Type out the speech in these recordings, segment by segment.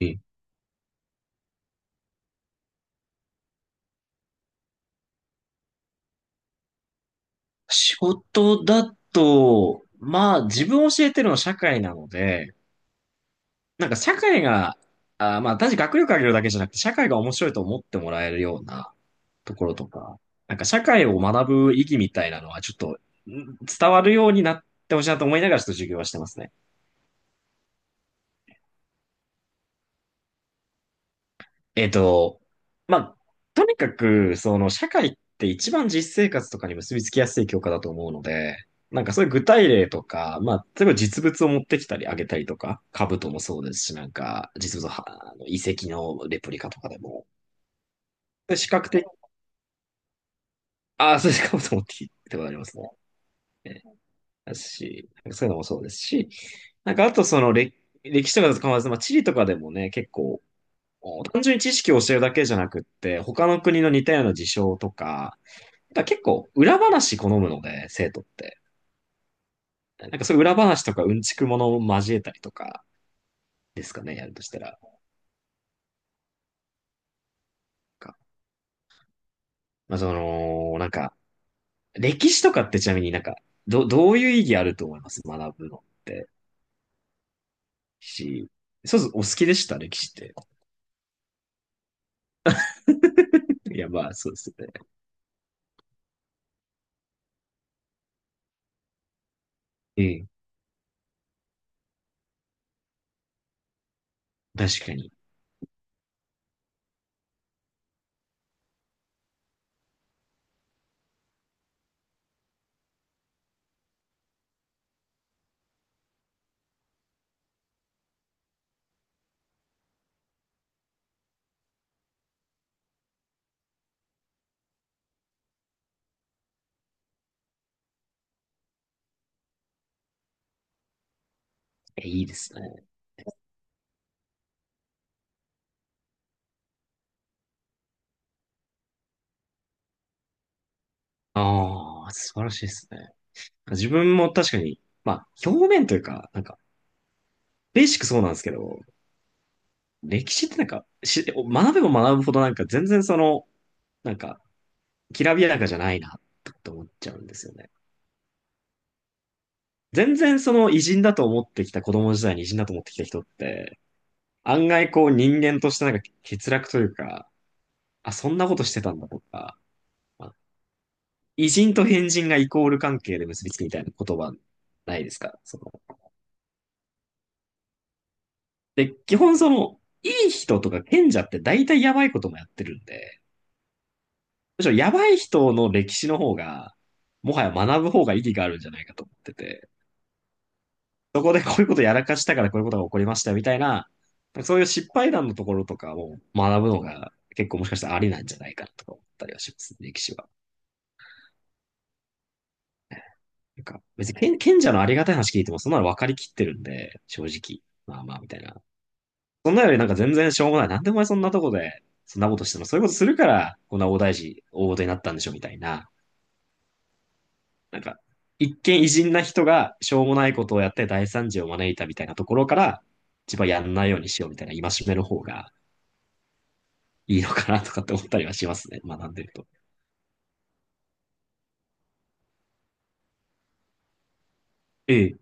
え、仕事だと、まあ自分を教えてるのは社会なので、なんか社会が、あー、まあ単に学力上げるだけじゃなくて、社会が面白いと思ってもらえるようなところとか、なんか社会を学ぶ意義みたいなのはちょっと伝わるようになってほしいなと思いながらちょっと授業はしてますね。えっと、まあ、とにかく、社会って一番実生活とかに結びつきやすい教科だと思うので、なんかそういう具体例とか、まあ、例えば実物を持ってきたりあげたりとか、兜もそうですし、なんか、実物は、あの遺跡のレプリカとかでも、で視覚的、ああ、そうで す、兜持ってきたことありますね。ねだし、なんかそういうのもそうですし、なんかあとその、歴史とかだと構わらず、まあ、地理とかでもね、結構、単純に知識を教えるだけじゃなくって、他の国の似たような事象とか、なんか結構裏話好むので、生徒って。なんかそういう裏話とかうんちくものを交えたりとかですかね、やるとしたら。んかまあ、その、なんか、歴史とかってちなみにどういう意義あると思います学ぶのってし。そうそう、お好きでした歴史って。いや、まあ、そうですよね。うん。確かに。え、いいですね。ああ、素晴らしいですね。自分も確かに、まあ、表面というか、なんか、ベーシックそうなんですけど、歴史ってなんか、学べば学ぶほどなんか全然その、なんか、きらびやかじゃないな、と思っちゃうんですよね。全然その偉人だと思ってきた、子供時代に偉人だと思ってきた人って、案外こう人間としてなんか欠落というか、あ、そんなことしてたんだとか、まあ偉人と変人がイコール関係で結びつくみたいな言葉ないですかその。で、基本その、いい人とか賢者って大体やばいこともやってるんで、むしろやばい人の歴史の方が、もはや学ぶ方が意義があるんじゃないかと思ってて。そこでこういうことやらかしたからこういうことが起こりましたみたいな、そういう失敗談のところとかを学ぶのが結構もしかしたらありなんじゃないかなとか思ったりはしますね歴史は。なんか別に賢者のありがたい話聞いてもそんなの分かりきってるんで、正直。まあまあみたいな。そんなよりなんか全然しょうもない。なんでお前そんなとこでそんなことしてもそういうことするからこんな大事になったんでしょみたいな。なんか一見偉人な人がしょうもないことをやって大惨事を招いたみたいなところから、一番やんないようにしようみたいな戒めの方が、いいのかなとかって思ったりはしますね。学んでると。ええ。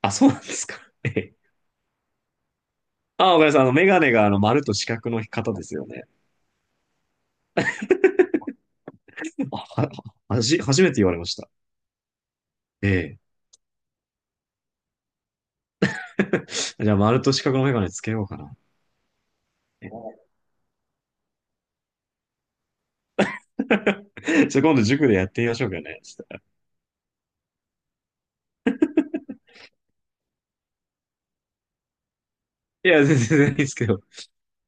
あ、そうなんですか。ええ。あ、岡田さん、あの、メガネがあの、丸と四角の方ですよね。あ、は、はじ、初めて言われました。ええ。じゃあ、丸と四角のメガネつけようかな。じゃあ、今度塾でやってみましょうかね。いや、全然いいですけど。ち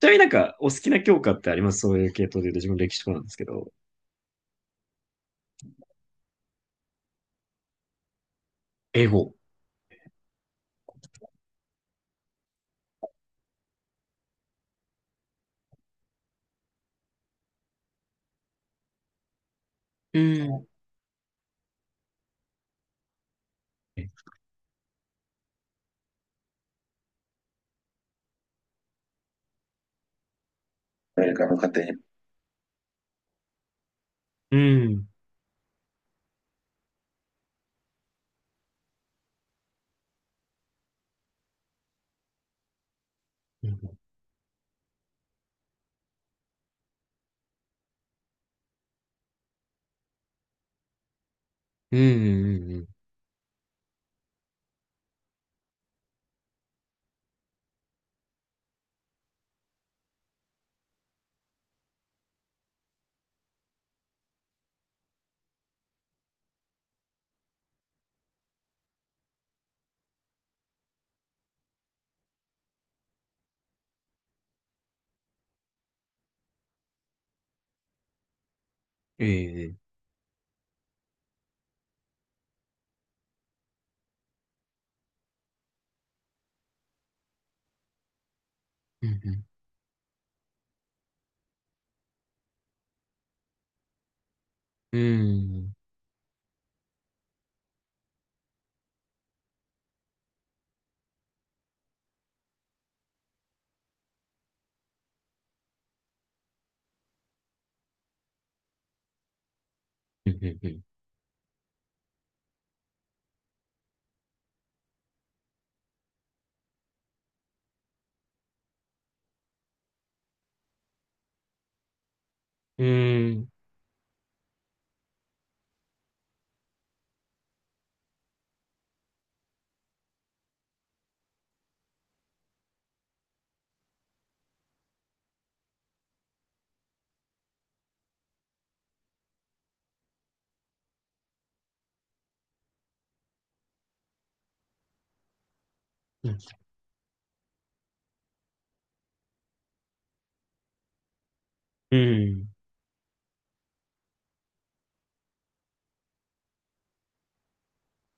なみになんか、お好きな教科ってありますそういう系統で言うと、自分歴史とかなんですけど。英語。うん。誰かの家庭に。うん。うん。うん。うん。うんええ。うん。うん。うん。うん。うん。うん。うんうーん。うん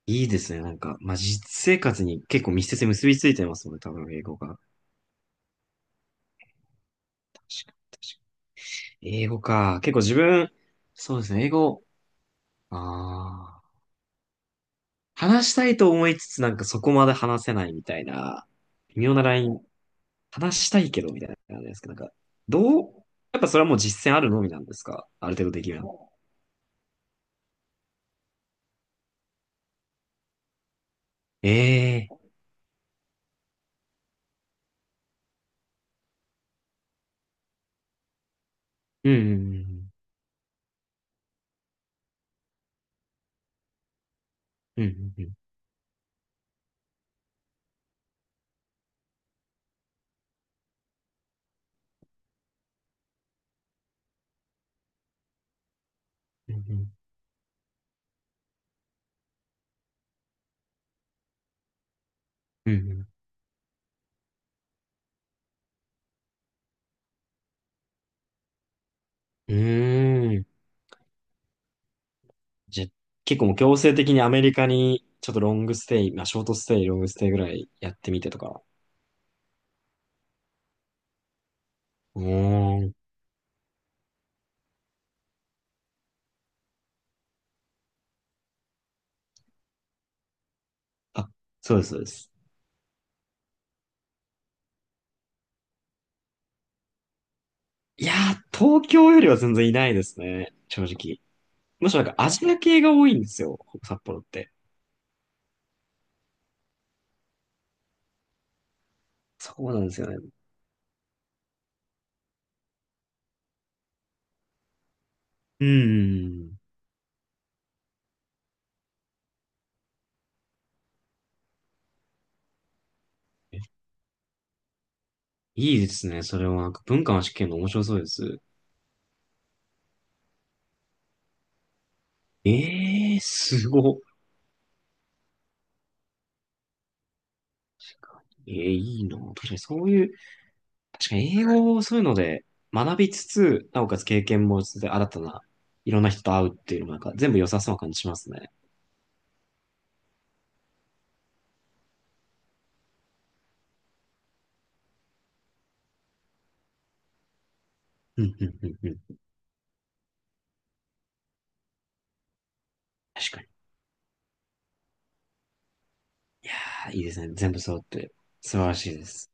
いいですね。なんか、まあ、実生活に結構密接に結びついてますもんね、多分、英語が。英語か。結構自分、そうですね、英語、ああ、話したいと思いつつ、なんかそこまで話せないみたいな、微妙なライン、話したいけど、みたいな感じですけど、なんか、どう、やっぱそれはもう実践あるのみなんですかある程度できるの。ええーうん。うんうんうんうん。うんうんうん。うんうんじゃ、結構もう強制的にアメリカにちょっとロングステイ、まあショートステイ、ロングステイぐらいやってみてとか。うーん。あ、そうです、そうです。いやー、東京よりは全然いないですね。正直。むしろなんかアジア系が多いんですよ。札幌って。そうなんですよね。うーん。えいいですね。それはなんか文化の試験の面白そうです。ええー、すごっ。ええーいいな。確かに英語をそういうので学びつつ、なおかつ経験もしつつ、新たな、いろんな人と会うっていうのもなんか全部良さそうな感じしますね。うん、うん、うん、うん。確かに。いやー、いいですね。全部揃って。素晴らしいです。